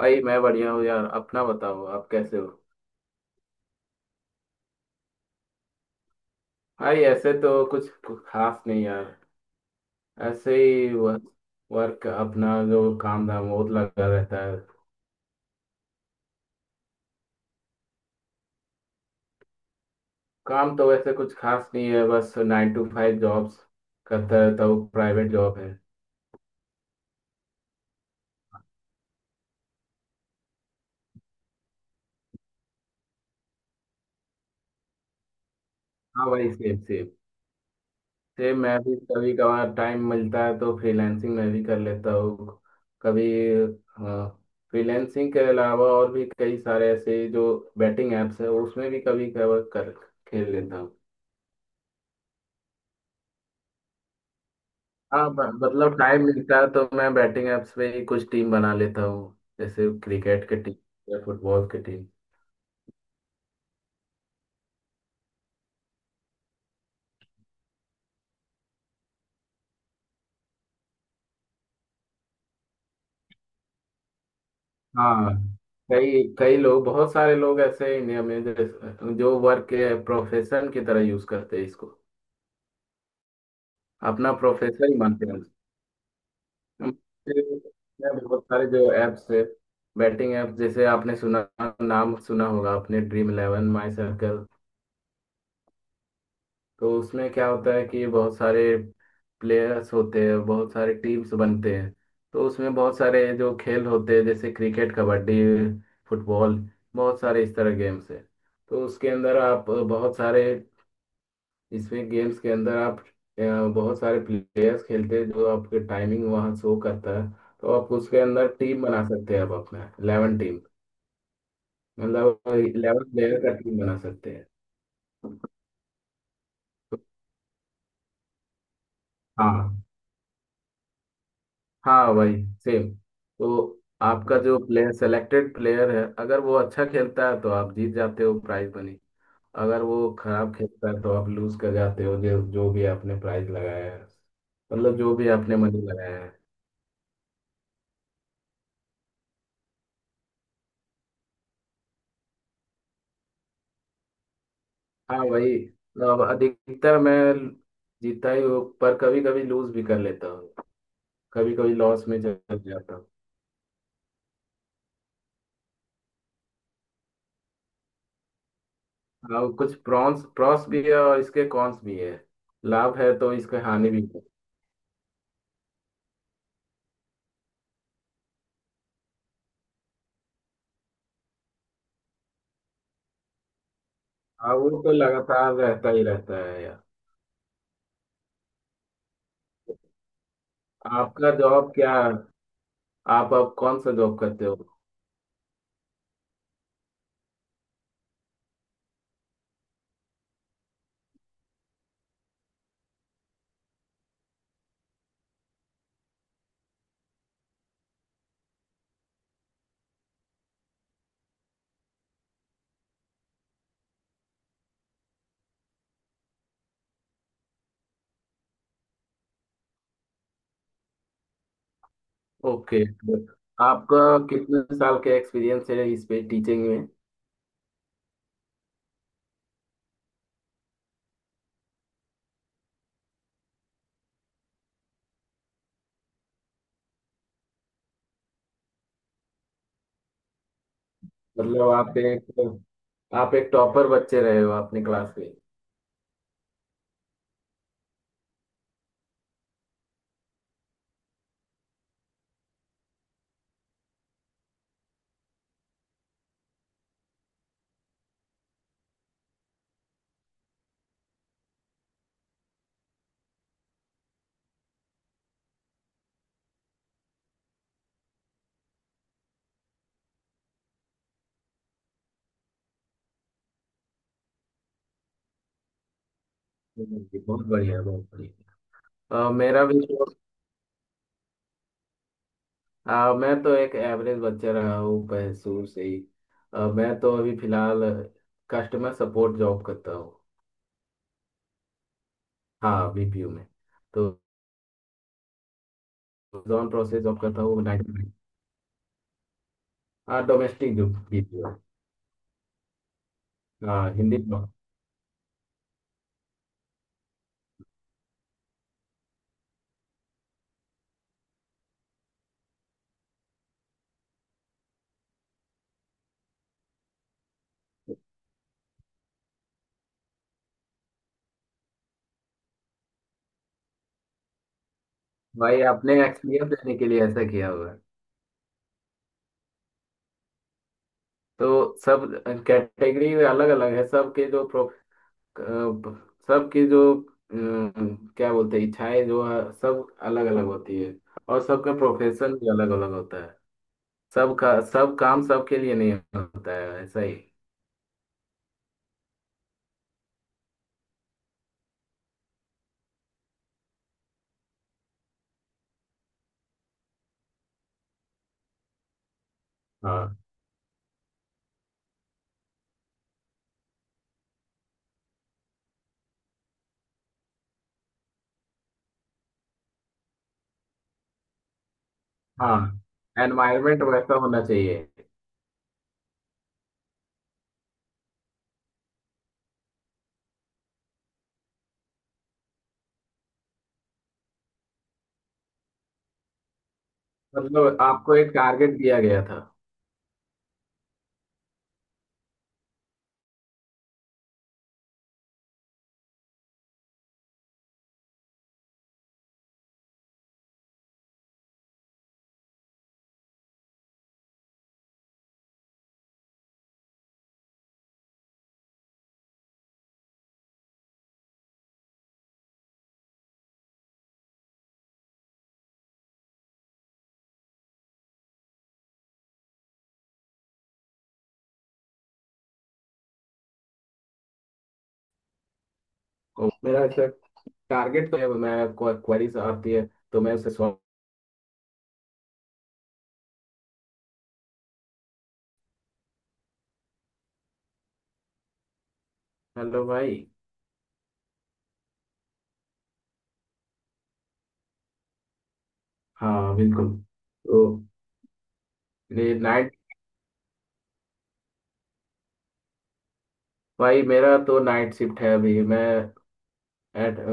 भाई मैं बढ़िया हूँ यार। अपना बताओ आप कैसे हो। भाई ऐसे तो कुछ खास नहीं यार। ऐसे ही वर्क अपना जो काम धाम वो लगा रहता है। काम तो वैसे कुछ खास नहीं है, बस 9 to 5 जॉब्स करता रहता हूँ। प्राइवेट जॉब है। हाँ भाई, सेम सेम। सेम, मैं भी कभी कभार टाइम मिलता है तो फ्रीलांसिंग में भी कर लेता हूँ कभी। फ्रीलांसिंग के अलावा और भी कई सारे ऐसे जो बैटिंग एप्स है उसमें भी कभी कभार कर खेल लेता हूँ। हाँ मतलब टाइम मिलता है तो मैं बैटिंग एप्स पे ही कुछ टीम बना लेता हूँ जैसे क्रिकेट की टीम या फुटबॉल की टीम। हाँ कई कई लोग, बहुत सारे लोग ऐसे हैं इंडिया में जो वर्क के प्रोफेशन की तरह यूज करते हैं इसको, अपना प्रोफेशन ही मानते हैं। मैं बहुत सारे जो एप्स है, बैटिंग एप्स, जैसे आपने सुना, नाम सुना होगा आपने, Dream11, माई सर्कल। तो उसमें क्या होता है कि बहुत सारे प्लेयर्स होते हैं, बहुत सारे टीम्स बनते हैं। तो उसमें बहुत सारे जो खेल होते हैं जैसे क्रिकेट, कबड्डी, फुटबॉल, बहुत सारे इस तरह गेम्स हैं। तो उसके अंदर आप बहुत सारे, इसमें गेम्स के अंदर आप अ, बहुत सारे प्लेयर्स खेलते हैं जो आपके टाइमिंग वहाँ शो करता है। तो आप उसके अंदर टीम बना सकते हैं, आप अपना 11 टीम, मतलब 11 प्लेयर का टीम बना सकते हैं। तो हाँ, हाँ भाई, सेम। तो आपका जो प्लेयर सेलेक्टेड प्लेयर है अगर वो अच्छा खेलता है तो आप जीत जाते हो प्राइज मनी। अगर वो खराब खेलता है तो आप लूज कर जाते हो जो जो भी आपने प्राइज लगाया है, मतलब जो भी आपने मनी लगाया है। हाँ भाई, अब अधिकतर मैं जीतता ही हूँ पर कभी कभी लूज भी कर लेता हूँ, कभी कभी लॉस में चल जाता हूँ। हाँ कुछ प्रॉन्स प्रॉस भी है और इसके कॉन्स भी है। लाभ है तो इसके हानि भी है। हाँ वो तो लगातार रहता ही रहता है यार। आपका जॉब क्या आप अब कौन सा जॉब करते हो। ओके। आपका कितने साल का एक्सपीरियंस है इस पे, टीचिंग में। मतलब आप एक टॉपर बच्चे रहे हो अपनी क्लास में। जी, बहुत बढ़िया, बहुत बढ़िया। मेरा भी तो, मैं तो एक एवरेज बच्चा रहा हूँ शुरू से ही। मैं तो अभी फिलहाल कस्टमर सपोर्ट जॉब करता हूँ। हाँ बीपीयू में। तो जॉन प्रोसेस जॉब करता हूँ नाइट। हाँ डोमेस्टिक जो बीपीयू। हाँ, हिंदी। भाई, आपने एक्सपीरियंस देने के लिए ऐसा किया हुआ है। तो सब कैटेगरी अलग अलग है, सबके जो प्रो अ, सबकी जो क्या बोलते हैं, इच्छाएं जो है सब अलग अलग होती है, और सबका प्रोफेशन भी अलग अलग होता है। सबका सब काम सबके लिए नहीं होता है ऐसा ही। हाँ, हाँ, एनवायरमेंट वैसा होना चाहिए। मतलब आपको एक टारगेट दिया गया था। तो मेरा ऐसा टारगेट तो है, मैं, क्वेरीज आती है तो मैं उसे सॉल्व। हेलो भाई। हाँ बिल्कुल। तो ये नाइट। भाई मेरा तो नाइट शिफ्ट है अभी, मैं,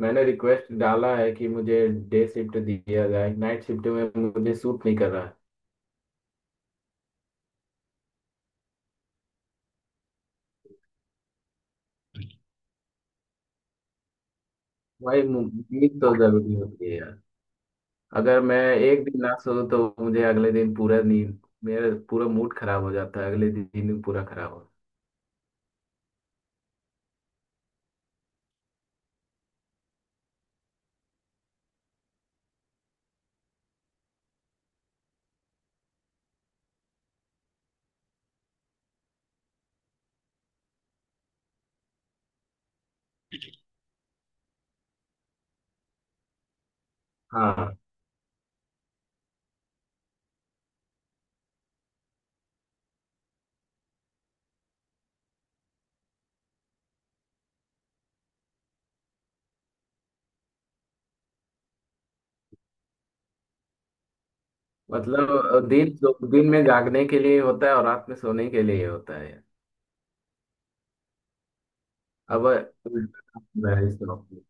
मैंने रिक्वेस्ट डाला है कि मुझे डे शिफ्ट दिया जाए, नाइट शिफ्ट में मुझे सूट नहीं कर रहा है। भाई नींद तो जरूरी होती है यार। अगर मैं एक दिन ना सोऊं तो मुझे अगले दिन पूरा नींद, मेरा पूरा मूड खराब हो जाता है अगले दिन, पूरा खराब हो। हाँ, मतलब दिन, दिन में जागने के लिए होता है और रात में सोने के लिए होता है। अब उल्टा है इस वक्त।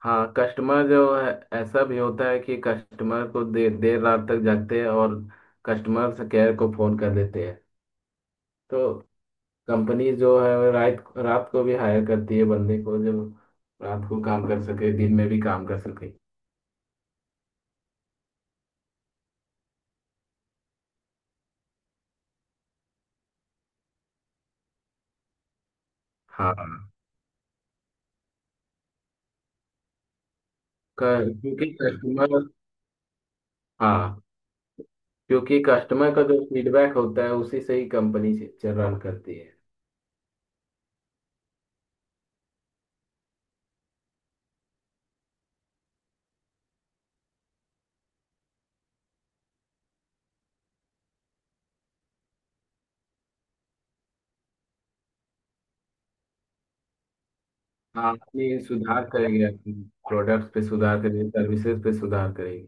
हाँ कस्टमर जो है, ऐसा भी होता है कि कस्टमर को देर देर रात तक जागते हैं और कस्टमर से, केयर को फोन कर देते हैं। तो कंपनी जो है वो रात रात को भी हायर करती है बंदे को जो रात को काम कर सके, दिन में भी काम कर सके। हाँ, क्योंकि कस्टमर। हाँ, क्योंकि कस्टमर का जो फीडबैक होता है उसी से ही कंपनी से रन करती है। हाँ, अपनी सुधार करेगी, अपनी प्रोडक्ट्स पे सुधार करेगी, सर्विसेज पे सुधार करेगी।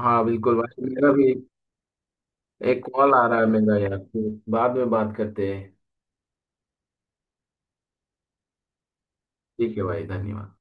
हाँ बिल्कुल भाई, मेरा भी एक कॉल आ रहा है मेरा यार, फिर बाद में बात करते हैं। ठीक है भाई, धन्यवाद।